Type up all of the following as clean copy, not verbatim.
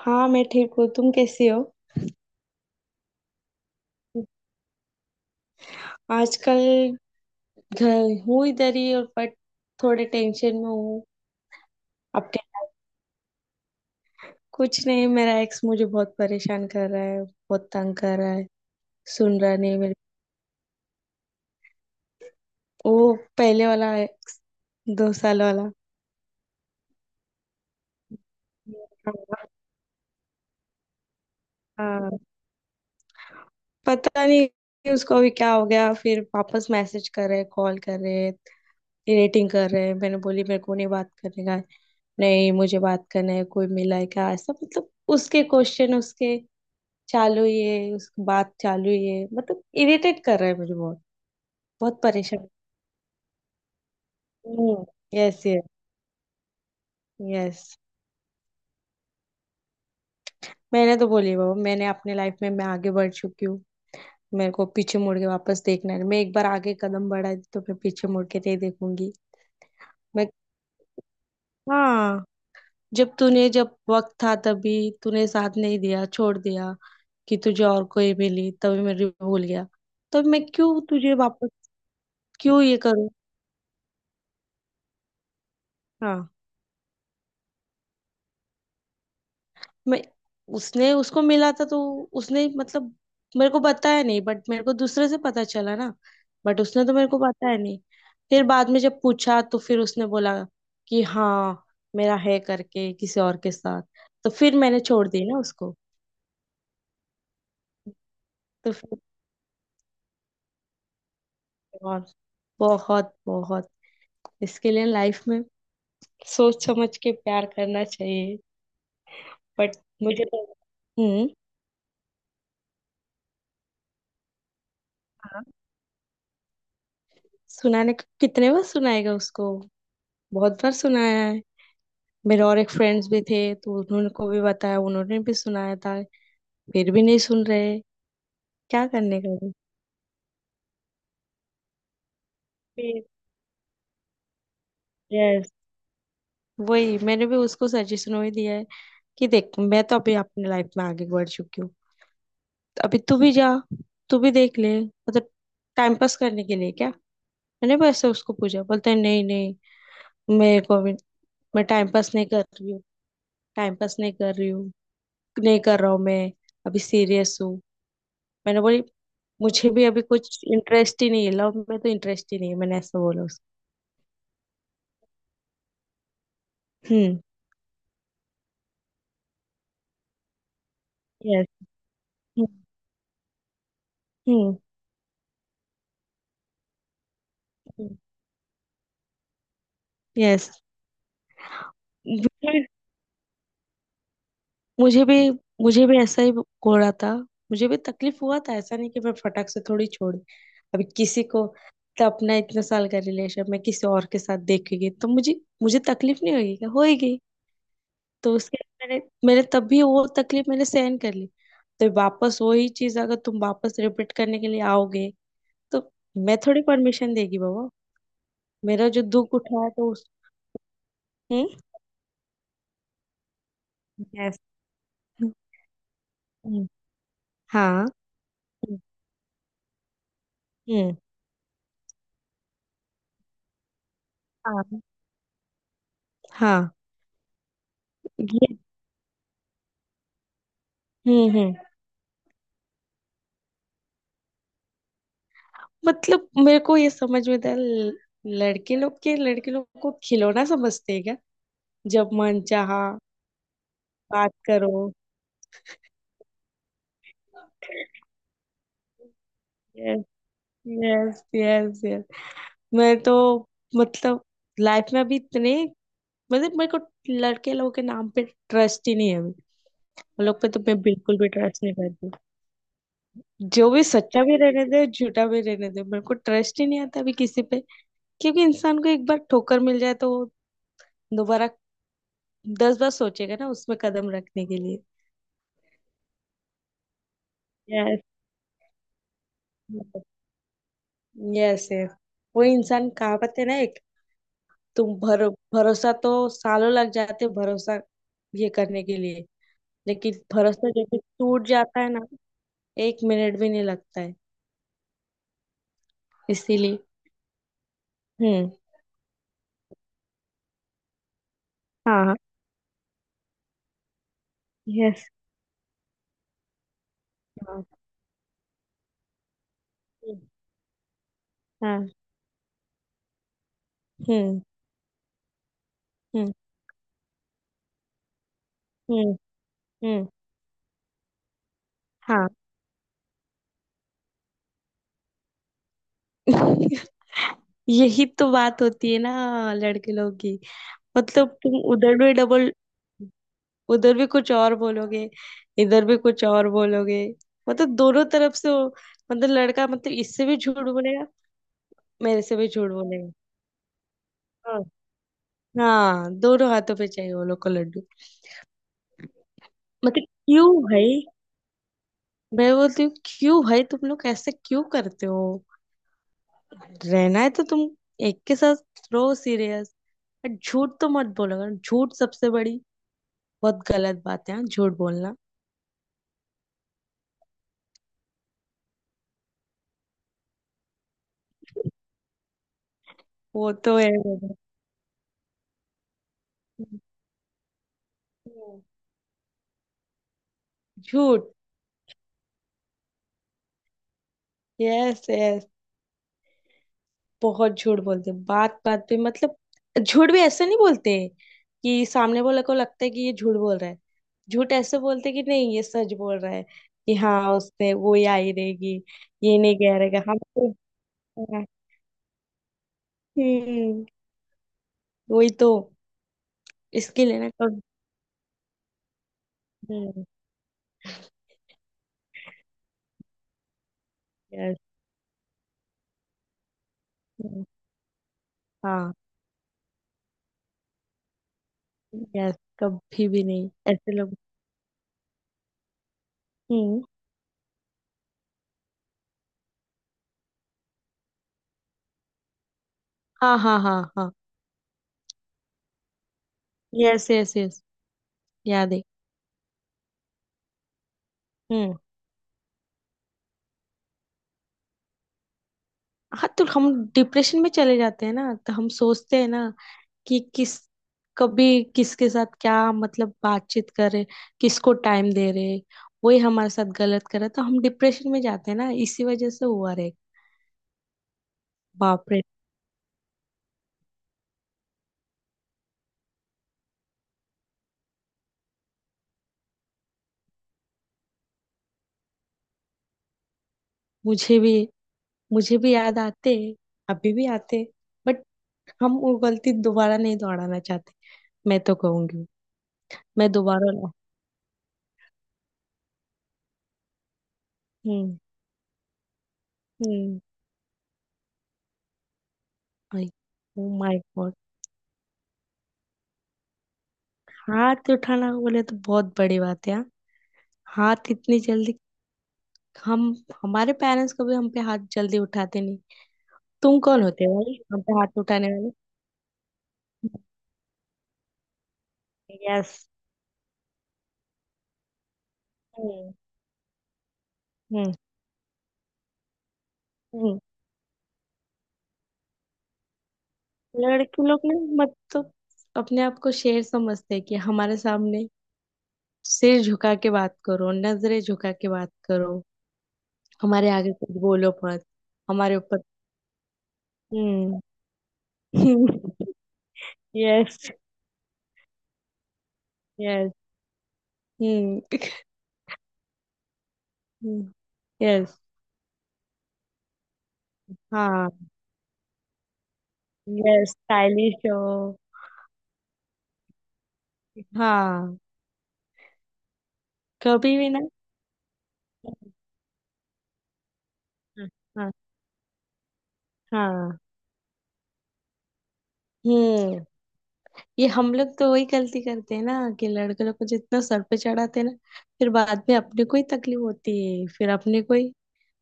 हाँ, मैं ठीक हूँ। तुम कैसी हो? आजकल घर हूँ, इधर ही। और बट थोड़े टेंशन में हूँ। अपने कुछ नहीं, मेरा एक्स मुझे बहुत परेशान कर रहा है, बहुत तंग कर रहा है। सुन रहा नहीं मेरे। वो पहले वाला एक्स, दो साल वाला। हाँ, पता नहीं कि उसको अभी क्या हो गया। फिर वापस मैसेज कर रहे, कॉल कर रहे, रेटिंग कर रहे। मैंने बोली मेरे को नहीं बात करने का। नहीं, मुझे बात करना है, कोई मिला है क्या ऐसा? मतलब उसके क्वेश्चन, उसके चालू ये, उसकी बात चालू ये, मतलब इरिटेट कर रहा है मुझे बहुत। बहुत परेशान। हम्म। Yes yes yes. मैंने तो बोली, बाबा मैंने अपने लाइफ में मैं आगे बढ़ चुकी हूँ। मेरे को पीछे मुड़ के वापस देखना है, मैं एक बार आगे कदम बढ़ाई तो मैं पीछे मुड़ के नहीं देखूंगी। मैं हाँ, जब तूने, जब वक्त था तभी तूने साथ नहीं दिया, छोड़ दिया। कि तुझे और कोई मिली तभी मैं भूल गया, तब मैं क्यों तुझे वापस, क्यों ये करूँ? हाँ, मैं उसने, उसको मिला था तो उसने मतलब मेरे को बताया नहीं, बट मेरे को दूसरे से पता चला ना। बट उसने तो मेरे को बताया नहीं, फिर बाद में जब पूछा तो फिर उसने बोला कि हाँ, मेरा है करके किसी और के साथ। तो फिर मैंने छोड़ दी ना उसको। तो फिर और बहुत बहुत, इसके लिए लाइफ में सोच समझ के प्यार करना चाहिए। बट मुझे तो, हम्म। हाँ। सुनाने को कितने बार सुनाएगा उसको? बहुत बार सुनाया है। मेरे और एक फ्रेंड्स भी थे, तो उन्होंने को भी बताया, उन्होंने भी सुनाया था। फिर भी नहीं सुन रहे। क्या करने का भी? फिर यस, वही मैंने भी उसको सजेशन वही दिया है कि देख, मैं तो अभी अपनी लाइफ में आगे बढ़ चुकी हूँ। तो अभी तू भी जा, तू भी देख ले, मतलब टाइम पास करने के लिए क्या। मैंने वैसे उसको पूछा, बोलते हैं नहीं नहीं, मेरे को भी, मैं टाइम पास नहीं कर रही हूँ, टाइम पास नहीं कर रही हूँ नहीं कर रहा हूँ मैं, अभी सीरियस हूँ। मैंने बोली मुझे भी अभी कुछ इंटरेस्ट ही नहीं है, लव में तो इंटरेस्ट ही नहीं है, मैंने ऐसा बोला उसको। हम्म। यस। हम्म। यस। मुझे मुझे भी ऐसा ही हो रहा था। मुझे भी तकलीफ हुआ था, ऐसा नहीं कि मैं फटाक से थोड़ी छोड़ी अभी किसी को। तो अपना इतने साल का रिलेशन मैं किसी और के साथ देखेगी तो मुझे मुझे तकलीफ नहीं होगी क्या, होएगी। तो उसके बाद मैंने मैंने तब भी वो तकलीफ मैंने सहन कर ली। तो वापस वही चीज अगर तुम वापस रिपीट करने के लिए आओगे, तो मैं थोड़ी परमिशन देगी बाबा। मेरा जो दुख उठा है तो उस। हम्म। यस। हम्म, हाँ। हम्म। हम्म, हाँ। हाँ। ये। हम्म। हम्म। मतलब मेरे को ये समझ में था। लड़के लोग के, लड़के लोग को खिलौना समझते हैं क्या? जब मन चाहा बात करो। Yes, yes, yes, yes. मैं तो, मतलब लाइफ में अभी इतने, मतलब मेरे को लड़के लोगों के नाम पे ट्रस्ट ही नहीं है अभी। उन लोग पे तो मैं बिल्कुल भी ट्रस्ट नहीं करती, जो भी सच्चा भी रहने दे, झूठा भी रहने दे, मेरे को ट्रस्ट ही नहीं आता अभी किसी पे। क्योंकि इंसान को एक बार ठोकर मिल जाए तो वो दोबारा दस बार सोचेगा ना उसमें कदम रखने के लिए। यस। यस वो इंसान, कहावत है ना एक, तुम भर भरोसा तो सालों लग जाते, भरोसा ये करने के लिए। लेकिन भरोसा जब भी टूट जाता है ना, एक मिनट भी नहीं लगता है। इसीलिए। हम्म। हाँ। यस। हाँ। yes। हाँ। हम्म। हाँ। हम्म। हम्म। हम्म। हम्म। हाँ, यही तो बात होती है ना लड़के लोग की। मतलब तुम उधर भी डबल, उधर भी कुछ और बोलोगे, इधर भी कुछ और बोलोगे, मतलब दोनों तरफ से हो। मतलब लड़का, मतलब इससे भी झूठ बोलेगा, मेरे से भी झूठ बोलेगा। हाँ। हाँ, दोनों हाथों पे चाहिए वो लोग को लड्डू। मतलब क्यों भाई? मैं बोलती हूँ क्यों भाई तुम लोग ऐसे क्यों करते हो? रहना है तो तुम एक के साथ रहो, सीरियस। झूठ तो मत बोलो। झूठ सबसे बड़ी, बहुत गलत बात है हाँ, झूठ बोलना। वो तो है बाबा। हम्म। झूठ। यस यस बहुत झूठ बोलते हैं बात बात पे, मतलब झूठ भी ऐसे नहीं बोलते कि सामने वाले को लगता है कि ये झूठ बोल रहा है। झूठ ऐसे बोलते कि नहीं, ये सच बोल रहा है, कि हाँ उसने वो ही आई रहेगी। ये नहीं कह रहेगा हम तो। हम्म। वही तो। इसके लिए ना कभी। हम्म। यस। हाँ। यस, कभी भी नहीं ऐसे लोग। हम्म। हाँ हाँ हाँ हाँ। Yes yes yes. याद है। हम्म। हाँ, तो हम डिप्रेशन में चले जाते हैं ना, तो हम सोचते हैं ना कि किस, कभी किसके साथ क्या मतलब बातचीत कर रहे, किसको टाइम दे रहे, वही हमारे साथ गलत कर रहा, तो हम डिप्रेशन में जाते हैं ना, इसी वजह से हुआ रे। बाप रे। मुझे भी मुझे भी याद आते, अभी भी आते। बट हम वो गलती दोबारा नहीं दोहराना चाहते। मैं तो कहूंगी मैं दोबारा ना। हम्म। हम्म। Oh my god. हाथ तो उठाना बोले तो बहुत बड़ी बात है यार। हाथ इतनी जल्दी, हम, हमारे पेरेंट्स कभी हम पे हाथ जल्दी उठाते नहीं। तुम कौन होते हो भाई हम पे हाथ उठाने वाले? यस। हम्म। हम्म। हम्म। लड़के लोग ना, मतलब अपने आप को शेर समझते हैं कि हमारे सामने सिर झुका के बात करो, नजरें झुका के बात करो, हमारे आगे कुछ बोलो मत, हमारे ऊपर। हम्म। यस। यस। हम्म। यस। हाँ, यस, स्टाइलिश हो। हाँ, कभी भी ना। हाँ हाँ हाँ। हम्म। ये हम लोग तो वही गलती करते हैं ना, कि लड़के लोग को जितना सर पे चढ़ाते हैं ना, फिर बाद में अपने को ही तकलीफ होती है, फिर अपने को ही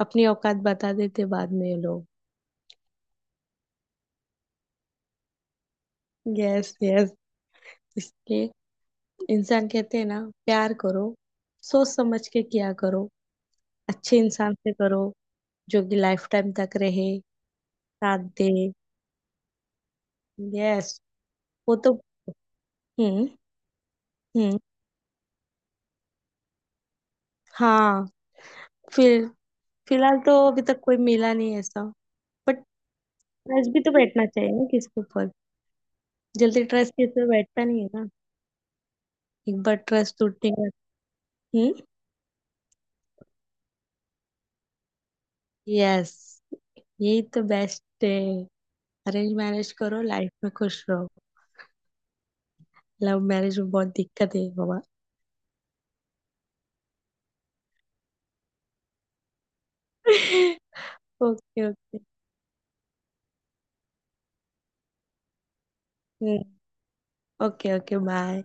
अपनी औकात बता देते हैं बाद में ये लोग। यस यस इसलिए इंसान कहते हैं ना, प्यार करो, सोच समझ के किया करो, अच्छे इंसान से करो, जो कि लाइफ टाइम तक रहे, साथ दे। यस। वो तो। हम्म। हम्म। हाँ। फिर फिलहाल तो अभी तक कोई मिला नहीं है ऐसा। बट ट्रस्ट भी तो बैठना चाहिए ना किसके ऊपर? जल्दी ट्रस्ट किसी पे बैठता नहीं है ना, एक बार ट्रस्ट टूटने का। हम्म। यस। यही तो बेस्ट है। अरेंज मैरिज करो, लाइफ में खुश रहो। लव मैरिज में बहुत दिक्कत है बाबा। Okay okay. Okay, bye.